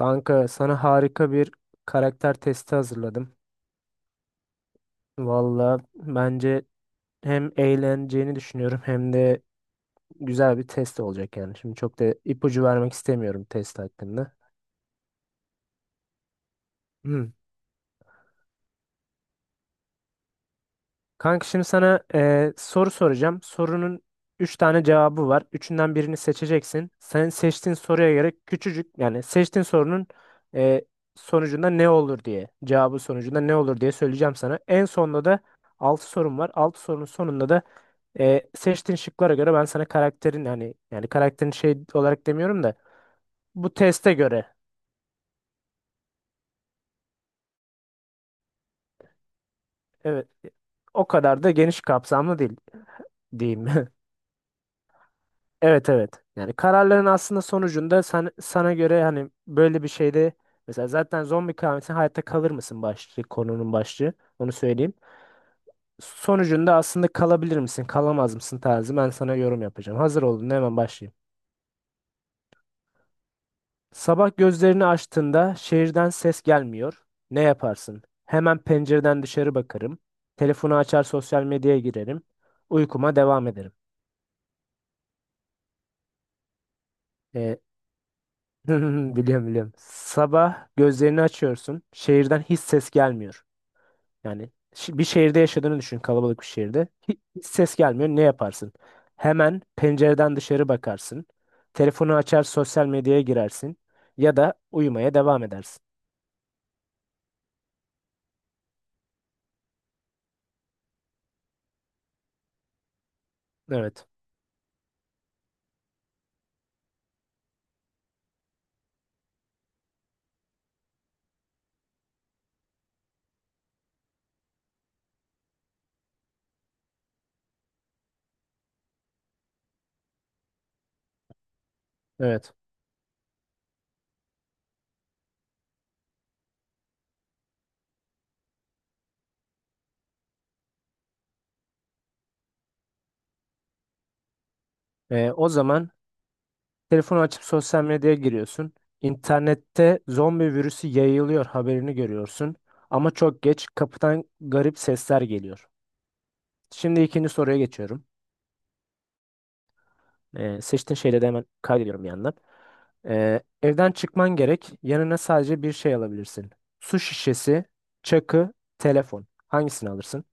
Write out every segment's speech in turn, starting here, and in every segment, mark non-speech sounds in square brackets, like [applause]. Kanka sana harika bir karakter testi hazırladım. Valla bence hem eğleneceğini düşünüyorum hem de güzel bir test olacak yani. Şimdi çok da ipucu vermek istemiyorum test hakkında. [clears throat] Kanka şimdi sana soru soracağım. Sorunun 3 tane cevabı var. Üçünden birini seçeceksin. Senin seçtiğin soruya göre küçücük yani seçtiğin sorunun eee, sonucunda ne olur diye cevabı sonucunda ne olur diye söyleyeceğim sana. En sonunda da 6 sorum var. 6 sorunun sonunda da seçtiğin şıklara göre ben sana karakterin hani yani karakterin şey olarak demiyorum da bu teste göre evet o kadar da geniş kapsamlı değil diyeyim. [laughs] Evet, evet. Yani kararların aslında sonucunda sana göre hani böyle bir şeyde mesela zaten zombi kıyameti hayatta kalır mısın başlığı konunun başlığı onu söyleyeyim. Sonucunda aslında kalabilir misin kalamaz mısın tarzı ben sana yorum yapacağım. Hazır olun hemen başlayayım. Sabah gözlerini açtığında şehirden ses gelmiyor. Ne yaparsın? Hemen pencereden dışarı bakarım. Telefonu açar sosyal medyaya girerim. Uykuma devam ederim. Ee, [laughs] Hı hı hı, biliyorum biliyorum. Sabah gözlerini açıyorsun. Şehirden hiç ses gelmiyor. Yani bir şehirde yaşadığını düşün, kalabalık bir şehirde. Hiç ses gelmiyor. Ne yaparsın? Hemen pencereden dışarı bakarsın. Telefonu açar, sosyal medyaya girersin. Ya da uyumaya devam edersin. Evet. Evet. O zaman telefonu açıp sosyal medyaya giriyorsun. İnternette zombi virüsü yayılıyor haberini görüyorsun. Ama çok geç kapıdan garip sesler geliyor. Şimdi ikinci soruya geçiyorum. Seçtiğin şeyleri de hemen kaydediyorum bir yandan. Evden çıkman gerek. Yanına sadece bir şey alabilirsin. Su şişesi, çakı, telefon. Hangisini alırsın?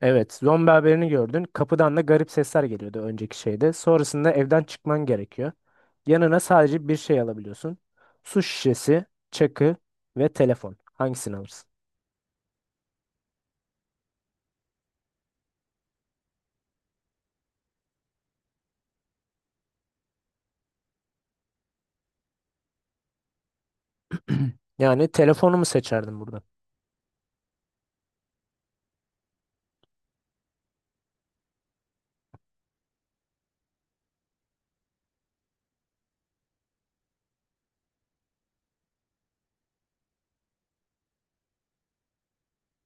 Evet, zombi haberini gördün. Kapıdan da garip sesler geliyordu önceki şeyde. Sonrasında evden çıkman gerekiyor. Yanına sadece bir şey alabiliyorsun. Su şişesi, çakı ve telefon. Hangisini alırsın? [clears throat] Yani telefonu mu seçerdin burada?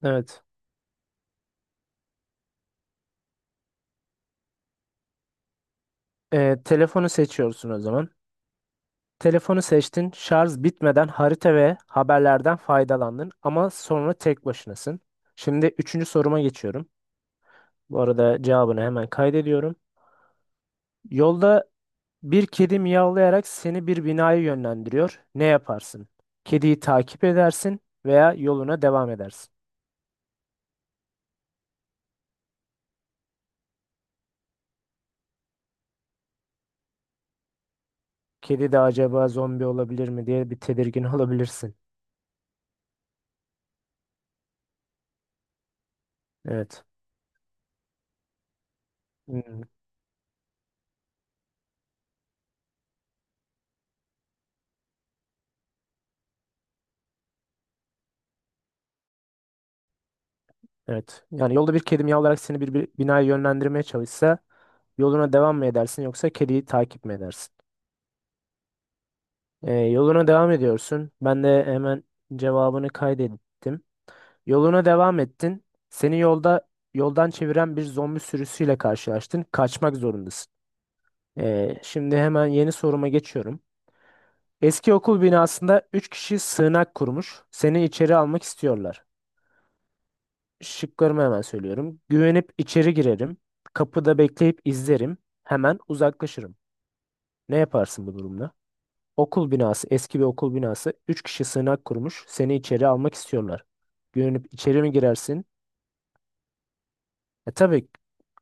Evet. Telefonu seçiyorsun o zaman. Telefonu seçtin, şarj bitmeden harita ve haberlerden faydalandın ama sonra tek başınasın. Şimdi üçüncü soruma geçiyorum. Bu arada cevabını hemen kaydediyorum. Yolda bir kedi miyavlayarak seni bir binaya yönlendiriyor. Ne yaparsın? Kediyi takip edersin veya yoluna devam edersin. Kedi de acaba zombi olabilir mi diye bir tedirgin [laughs] olabilirsin. Evet. Hmm, evet. Yani yolda bir kedi miyavlayarak seni bir binaya yönlendirmeye çalışsa yoluna devam mı edersin yoksa kediyi takip mi edersin? Yoluna devam ediyorsun. Ben de hemen cevabını kaydettim. Yoluna devam ettin. Seni yolda yoldan çeviren bir zombi sürüsüyle karşılaştın. Kaçmak zorundasın. Şimdi hemen yeni soruma geçiyorum. Eski okul binasında 3 kişi sığınak kurmuş. Seni içeri almak istiyorlar. Şıklarımı hemen söylüyorum. Güvenip içeri girerim. Kapıda bekleyip izlerim. Hemen uzaklaşırım. Ne yaparsın bu durumda? Okul binası, eski bir okul binası. Üç kişi sığınak kurmuş. Seni içeri almak istiyorlar. Görünüp içeri mi girersin? E tabii.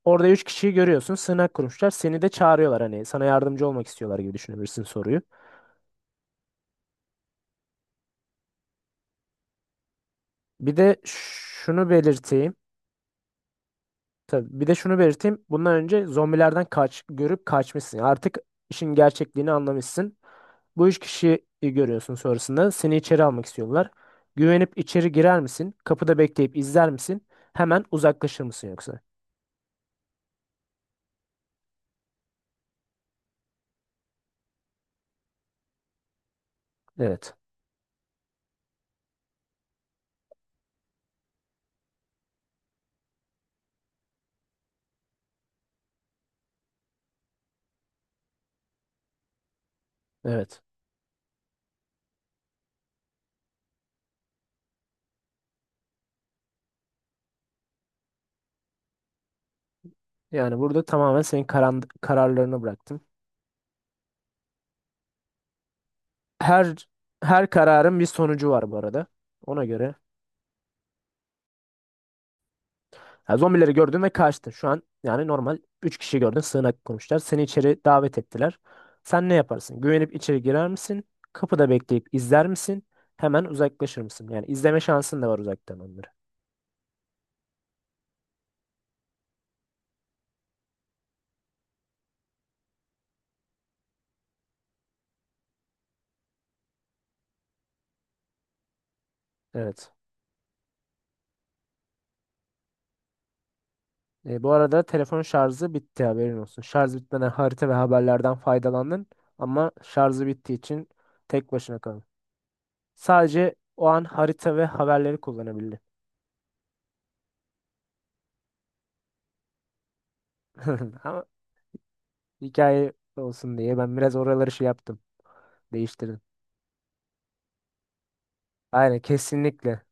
Orada üç kişiyi görüyorsun. Sığınak kurmuşlar. Seni de çağırıyorlar hani sana yardımcı olmak istiyorlar gibi düşünebilirsin soruyu. Bir de şunu belirteyim. Tabii. Bir de şunu belirteyim. Bundan önce zombilerden kaç görüp kaçmışsın. Yani artık işin gerçekliğini anlamışsın. Bu üç kişiyi görüyorsun sonrasında. Seni içeri almak istiyorlar. Güvenip içeri girer misin? Kapıda bekleyip izler misin? Hemen uzaklaşır mısın yoksa? Evet. Evet. Yani burada tamamen senin kararlarına bıraktım. Her her kararın bir sonucu var bu arada. Ona göre ha, zombileri gördün ve kaçtın. Şu an yani normal 3 kişi gördün sığınak kurmuşlar. Seni içeri davet ettiler. Sen ne yaparsın? Güvenip içeri girer misin? Kapıda bekleyip izler misin? Hemen uzaklaşır mısın? Yani izleme şansın da var uzaktan onları. Evet. Bu arada telefon şarjı bitti haberin olsun. Şarj bitmeden harita ve haberlerden faydalandın ama şarjı bittiği için tek başına kaldın. Sadece o an harita ve haberleri kullanabildin. [laughs] Ama hikaye olsun diye ben biraz oraları şey yaptım. Değiştirdim. Aynen, kesinlikle.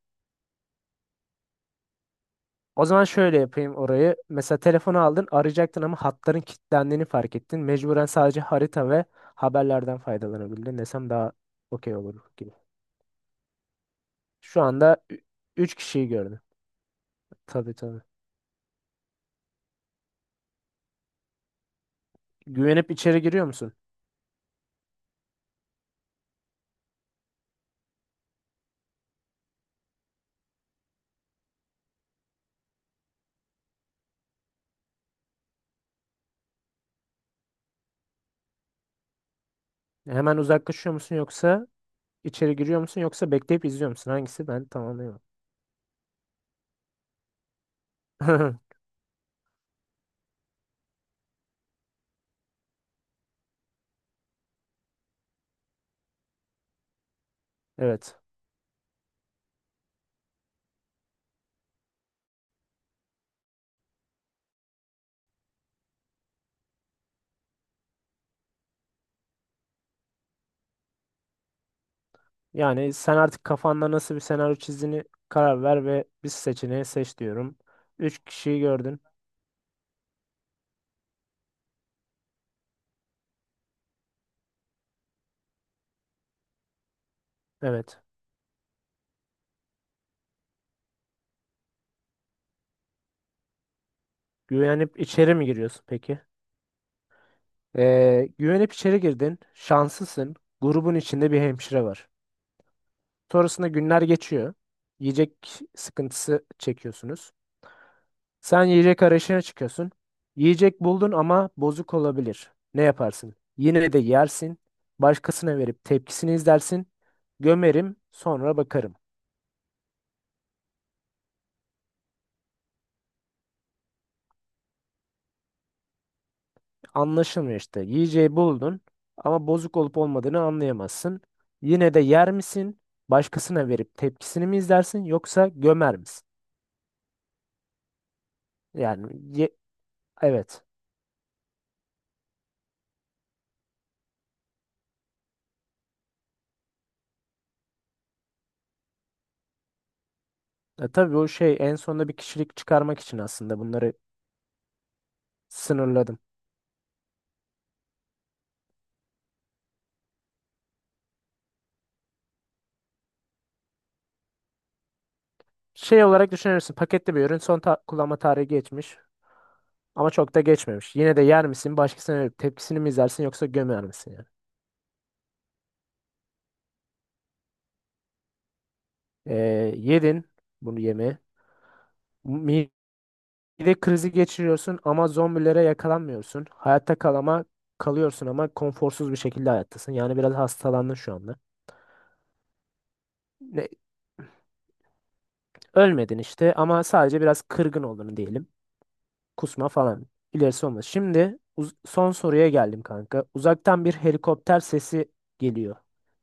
O zaman şöyle yapayım orayı. Mesela telefonu aldın arayacaktın ama hatların kilitlendiğini fark ettin. Mecburen sadece harita ve haberlerden faydalanabildin desem daha okey olur gibi. Şu anda 3 kişiyi gördüm. Tabii, tabii. Güvenip içeri giriyor musun? Hemen uzaklaşıyor musun yoksa içeri giriyor musun yoksa bekleyip izliyor musun? Hangisi? Ben tamamlayamam. [laughs] Evet. Yani sen artık kafanda nasıl bir senaryo çizdiğini karar ver ve bir seçeneği seç diyorum. 3 kişiyi gördün. Evet. Güvenip içeri mi giriyorsun peki? Güvenip içeri girdin. Şanslısın. Grubun içinde bir hemşire var. Sonrasında günler geçiyor. Yiyecek sıkıntısı çekiyorsunuz. Sen yiyecek arayışına çıkıyorsun. Yiyecek buldun ama bozuk olabilir. Ne yaparsın? Yine de yersin. Başkasına verip tepkisini izlersin. Gömerim, sonra bakarım. Anlaşılmıyor işte. Yiyeceği buldun ama bozuk olup olmadığını anlayamazsın. Yine de yer misin? Başkasına verip tepkisini mi izlersin yoksa gömer misin? Yani ye- evet. E, tabii o şey en sonunda bir kişilik çıkarmak için aslında bunları sınırladım. Şey olarak düşünürsün paketli bir ürün son kullanma tarihi geçmiş ama çok da geçmemiş. Yine de yer misin? Başkasına verip tepkisini mi izlersin yoksa gömer misin yani? E, Yedin bunu yemeği. Bir de krizi geçiriyorsun ama zombilere yakalanmıyorsun. Hayatta kalıyorsun ama konforsuz bir şekilde hayattasın. Yani biraz hastalandın şu anda. Ne, ölmedin işte ama sadece biraz kırgın olduğunu diyelim. Kusma falan. İlerisi olmaz. Şimdi son soruya geldim kanka. Uzaktan bir helikopter sesi geliyor.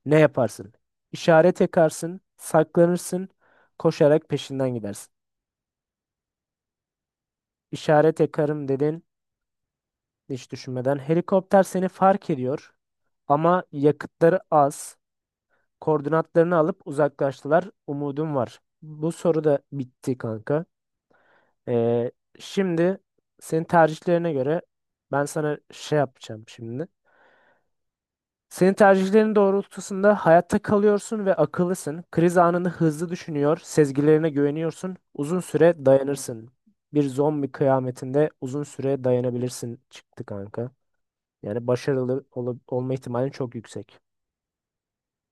Ne yaparsın? İşaret yakarsın, saklanırsın, koşarak peşinden gidersin. İşaret yakarım dedin hiç düşünmeden. Helikopter seni fark ediyor ama yakıtları az. Koordinatlarını alıp uzaklaştılar. Umudum var. Bu soru da bitti kanka. Ee, Şimdi senin tercihlerine göre ben sana şey yapacağım şimdi. Senin tercihlerin doğrultusunda hayatta kalıyorsun ve akıllısın. Kriz anını hızlı düşünüyor, sezgilerine güveniyorsun. Uzun süre dayanırsın. Bir zombi kıyametinde uzun süre dayanabilirsin çıktı kanka. Yani başarılı olma ihtimalin çok yüksek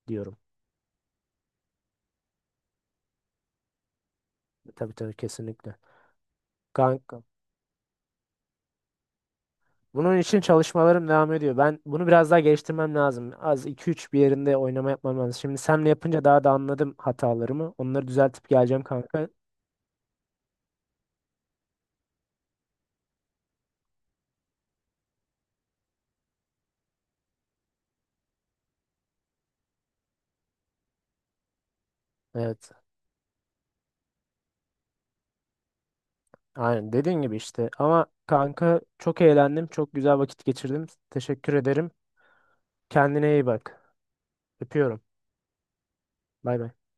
diyorum. Tabii, tabii, kesinlikle. Kanka. Bunun için çalışmalarım devam ediyor. Ben bunu biraz daha geliştirmem lazım. Az iki üç bir yerinde oynama yapmam lazım. Şimdi senle yapınca daha da anladım hatalarımı. Onları düzeltip geleceğim kanka. Evet. Aynen dediğin gibi işte. Ama kanka çok eğlendim. Çok güzel vakit geçirdim. Teşekkür ederim. Kendine iyi bak. Öpüyorum. Bay bay.